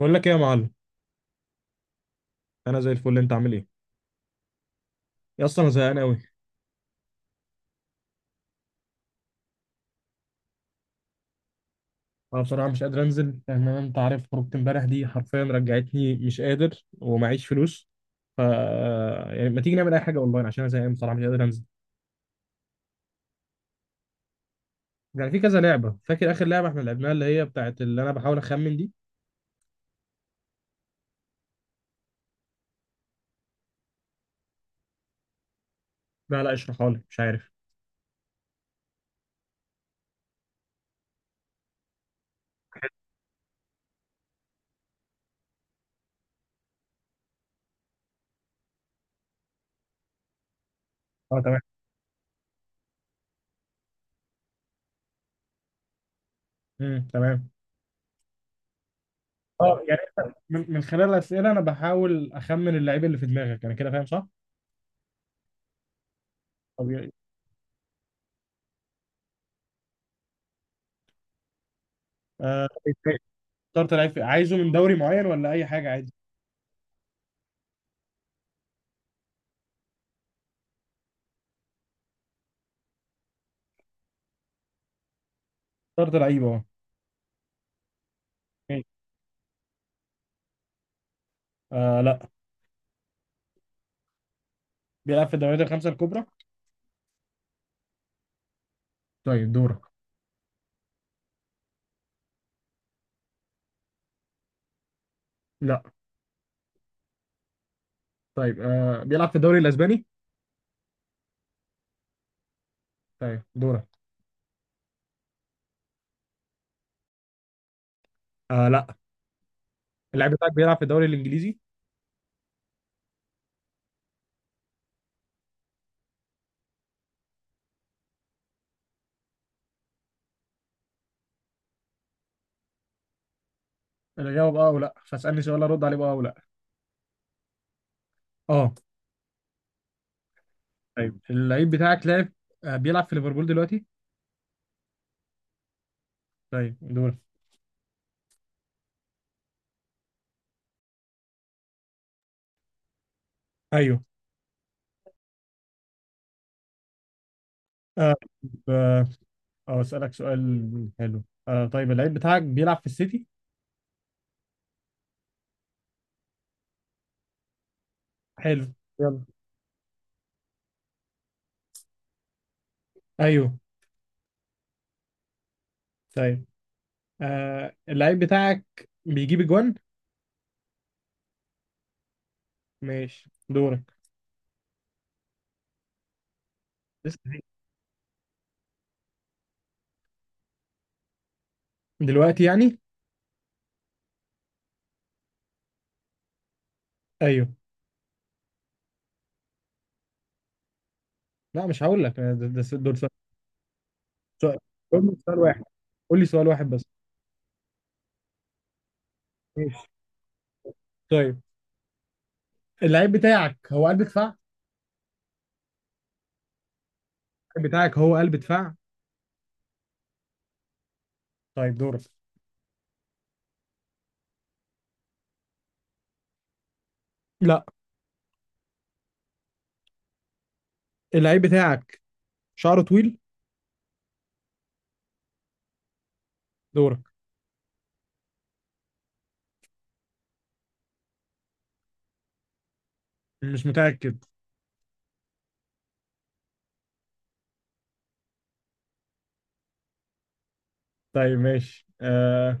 بقول لك ايه يا معلم. انا زي الفل. انت عامل ايه؟ يا، اصلا انا زهقان قوي. انا بصراحه مش قادر انزل، لان انت عارف خروجت امبارح دي حرفيا رجعتني، مش قادر ومعيش فلوس. ف يعني ما تيجي نعمل اي حاجه اونلاين؟ عشان انا زهقان، بصراحه مش قادر انزل. يعني في كذا لعبه. فاكر اخر لعبه احنا لعبناها، اللي هي بتاعت اللي انا بحاول اخمن دي. لا، لا، اشرحها لي، مش عارف. اه، تمام. تمام. اه، يعني من خلال الاسئله انا بحاول اخمن اللعيب اللي في دماغك. انا كده فاهم صح؟ طبيعي. آه، اخترت لعيب عايزه من دوري معين ولا اي حاجه عادي؟ اخترت لعيب، اه. آه، لا. بيلعب في الدوريات الخمسة الكبرى. طيب، دورك. لا. طيب، بيلعب في الدوري الاسباني؟ طيب، دورك. آه، لا. اللاعب بتاعك بيلعب في الدوري الانجليزي؟ اجاوب اه او لا، فاسالني سؤال ارد عليه بقى او لا. اه. طيب، اللعيب بتاعك لعب. بيلعب في ليفربول دلوقتي؟ طيب، دور. ايوه. آه، آه، آه، اسالك سؤال حلو. آه، طيب اللعيب بتاعك بيلعب في السيتي؟ حلو. يلا. ايوه. طيب، اللعيب بتاعك بيجيب اجوان؟ ماشي، دورك. لسه في. دلوقتي يعني. ايوه. لا، مش هقول لك دول سؤال. سؤال- قول لي سؤال واحد. قول لي سؤال واحد بس. ماشي. طيب، اللعيب بتاعك هو قلب دفاع؟ اللعيب بتاعك هو قلب دفاع؟ طيب، دورك. لا. اللعيب بتاعك شعره طويل؟ دورك. مش متأكد. طيب، ماشي.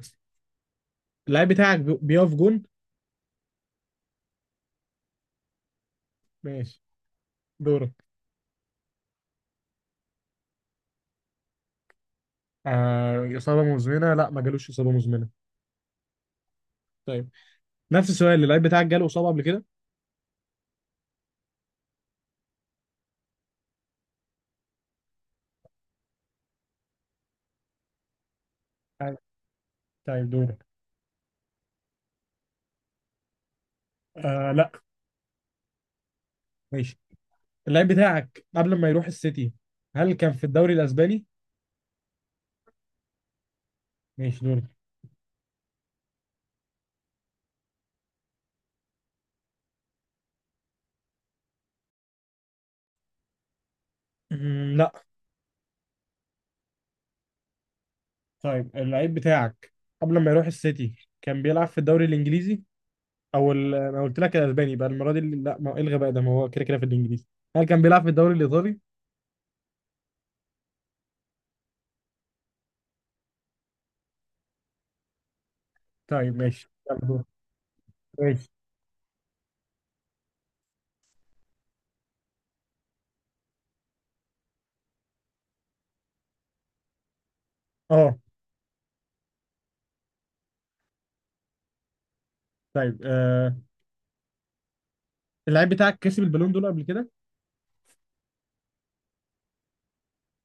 اللعيب بتاعك بيقف جون؟ ماشي، دورك. إصابة مزمنة، لا ما جالوش إصابة مزمنة. طيب، نفس السؤال، اللعيب بتاعك جاله إصابة قبل كده؟ أيوة. طيب، دورك. آه، لا. ماشي. اللعيب بتاعك قبل ما يروح السيتي، هل كان في الدوري الأسباني؟ ماشي، دول. مم، لا. طيب، اللعيب بتاعك قبل ما يروح السيتي كان بيلعب في الدوري الانجليزي او انا قلت لك الاسباني بقى المره دي لا، ما ايه الغباء ده، ما هو كده كده في الانجليزي. هل كان بيلعب في الدوري الايطالي؟ طيب، ماشي، يلا، دور. ماشي. اه. طيب، اللعيب بتاعك كسب البالون دول قبل كده؟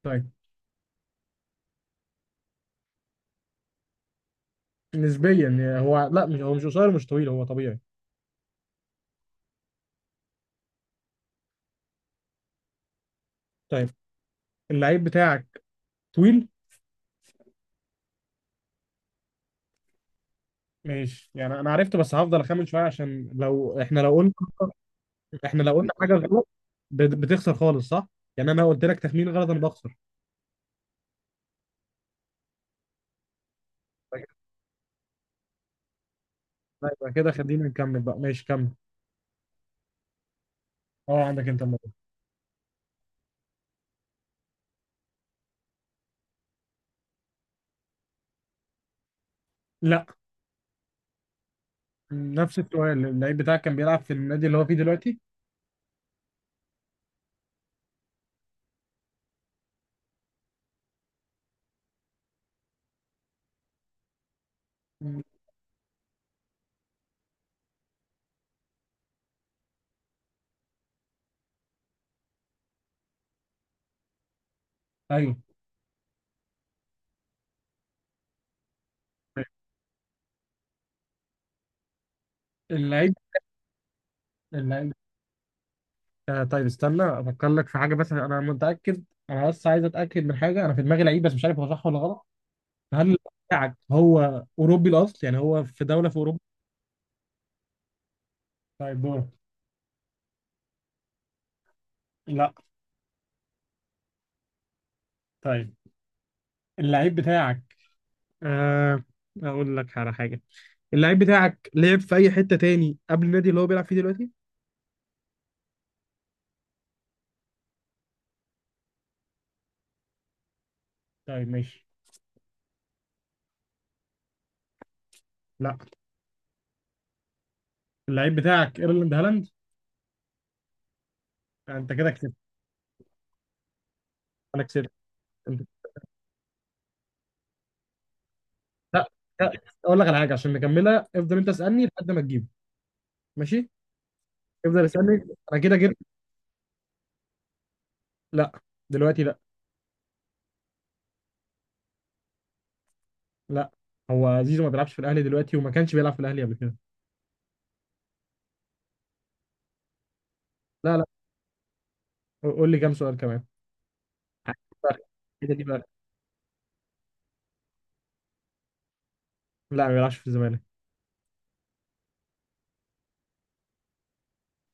طيب. نسبيا يعني، هو، لا، مش هو مش قصير، مش طويل، هو طبيعي. طيب، اللعيب بتاعك طويل؟ ماشي، يعني انا عرفته، بس هفضل اخمن شويه عشان لو احنا لو قلنا حاجه غلط بتخسر خالص، صح؟ يعني انا قلت لك تخمين غلط انا بخسر. لا، يبقى كده خلينا نكمل بقى، ماشي كمل. اه، عندك انت الموضوع. لا. نفس السؤال، اللعيب بتاعك كان بيلعب في النادي اللي هو فيه دلوقتي؟ مم. ايوه. اللعيب اللعيب، آه طيب استنى افكر لك في حاجه، بس انا متاكد. انا بس عايز اتاكد من حاجه، انا في دماغي لعيب بس مش عارف هو صح ولا غلط. هل اللعيب بتاعك هو اوروبي الاصل، يعني هو في دوله في اوروبا؟ طيب، دور. لا. طيب، اللعيب بتاعك، آه اقول لك على حاجه. اللعيب بتاعك لعب في اي حته تاني قبل النادي اللي هو بيلعب فيه دلوقتي؟ طيب، ماشي. لا. اللعيب بتاعك ايرلاند هالاند؟ انت كده كسبت. انا كسبت؟ انت. لا. لا. اقول لك على حاجه، عشان نكملها افضل انت اسالني لحد ما تجيبه. ماشي. افضل اسالني. انا كده جبت. لا. دلوقتي لا. لا. هو زيزو ما بيلعبش في الاهلي دلوقتي، وما كانش بيلعب في الاهلي قبل كده. لا، لا، قول لي كام سؤال كمان. عايز فرق كده دي بقى. لا، ما بيلعبش في الزمالك.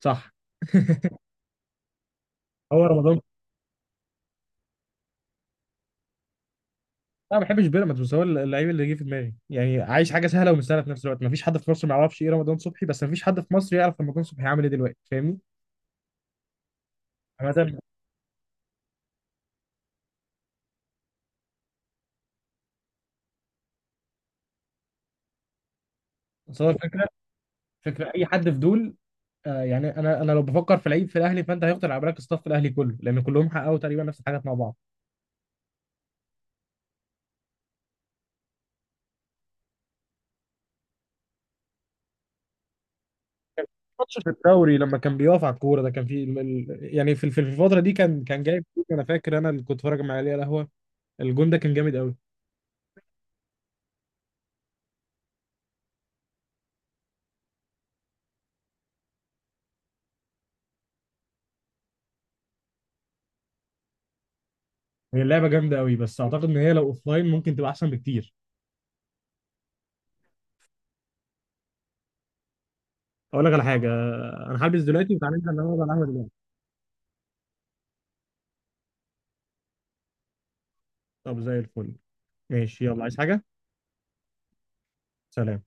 صح. هو رمضان. انا ما بحبش بيراميدز، بس هو اللعيب اللي جه في دماغي. يعني عايش حاجه سهله ومستاهله في نفس الوقت، ما فيش حد في مصر ما يعرفش ايه رمضان صبحي، بس ما فيش حد في مصر يعرف رمضان صبحي عامل ايه دلوقتي، فاهمني؟ عامه. بس هو الفكره، فكره اي حد في دول. آه، يعني انا لو بفكر في لعيب في الاهلي فانت هيخطر على بالك الصف الاهلي كله، لان كلهم حققوا تقريبا نفس الحاجات مع بعض. ماتش في الدوري لما كان بيقف على الكوره ده، كان في يعني في الفتره دي كان جايب جول، انا فاكر انا اللي كنت اتفرج مع علي على القهوه. الجون ده كان جامد قوي. هي اللعبه جامده قوي، بس اعتقد ان هي لو اوفلاين ممكن تبقى احسن بكتير. اقول لك على حاجه. انا هلبس دلوقتي وتعالى ننزل نقعد على القهوه دلوقتي. طب، زي الفل. ماشي، يلا، عايز حاجه؟ سلام.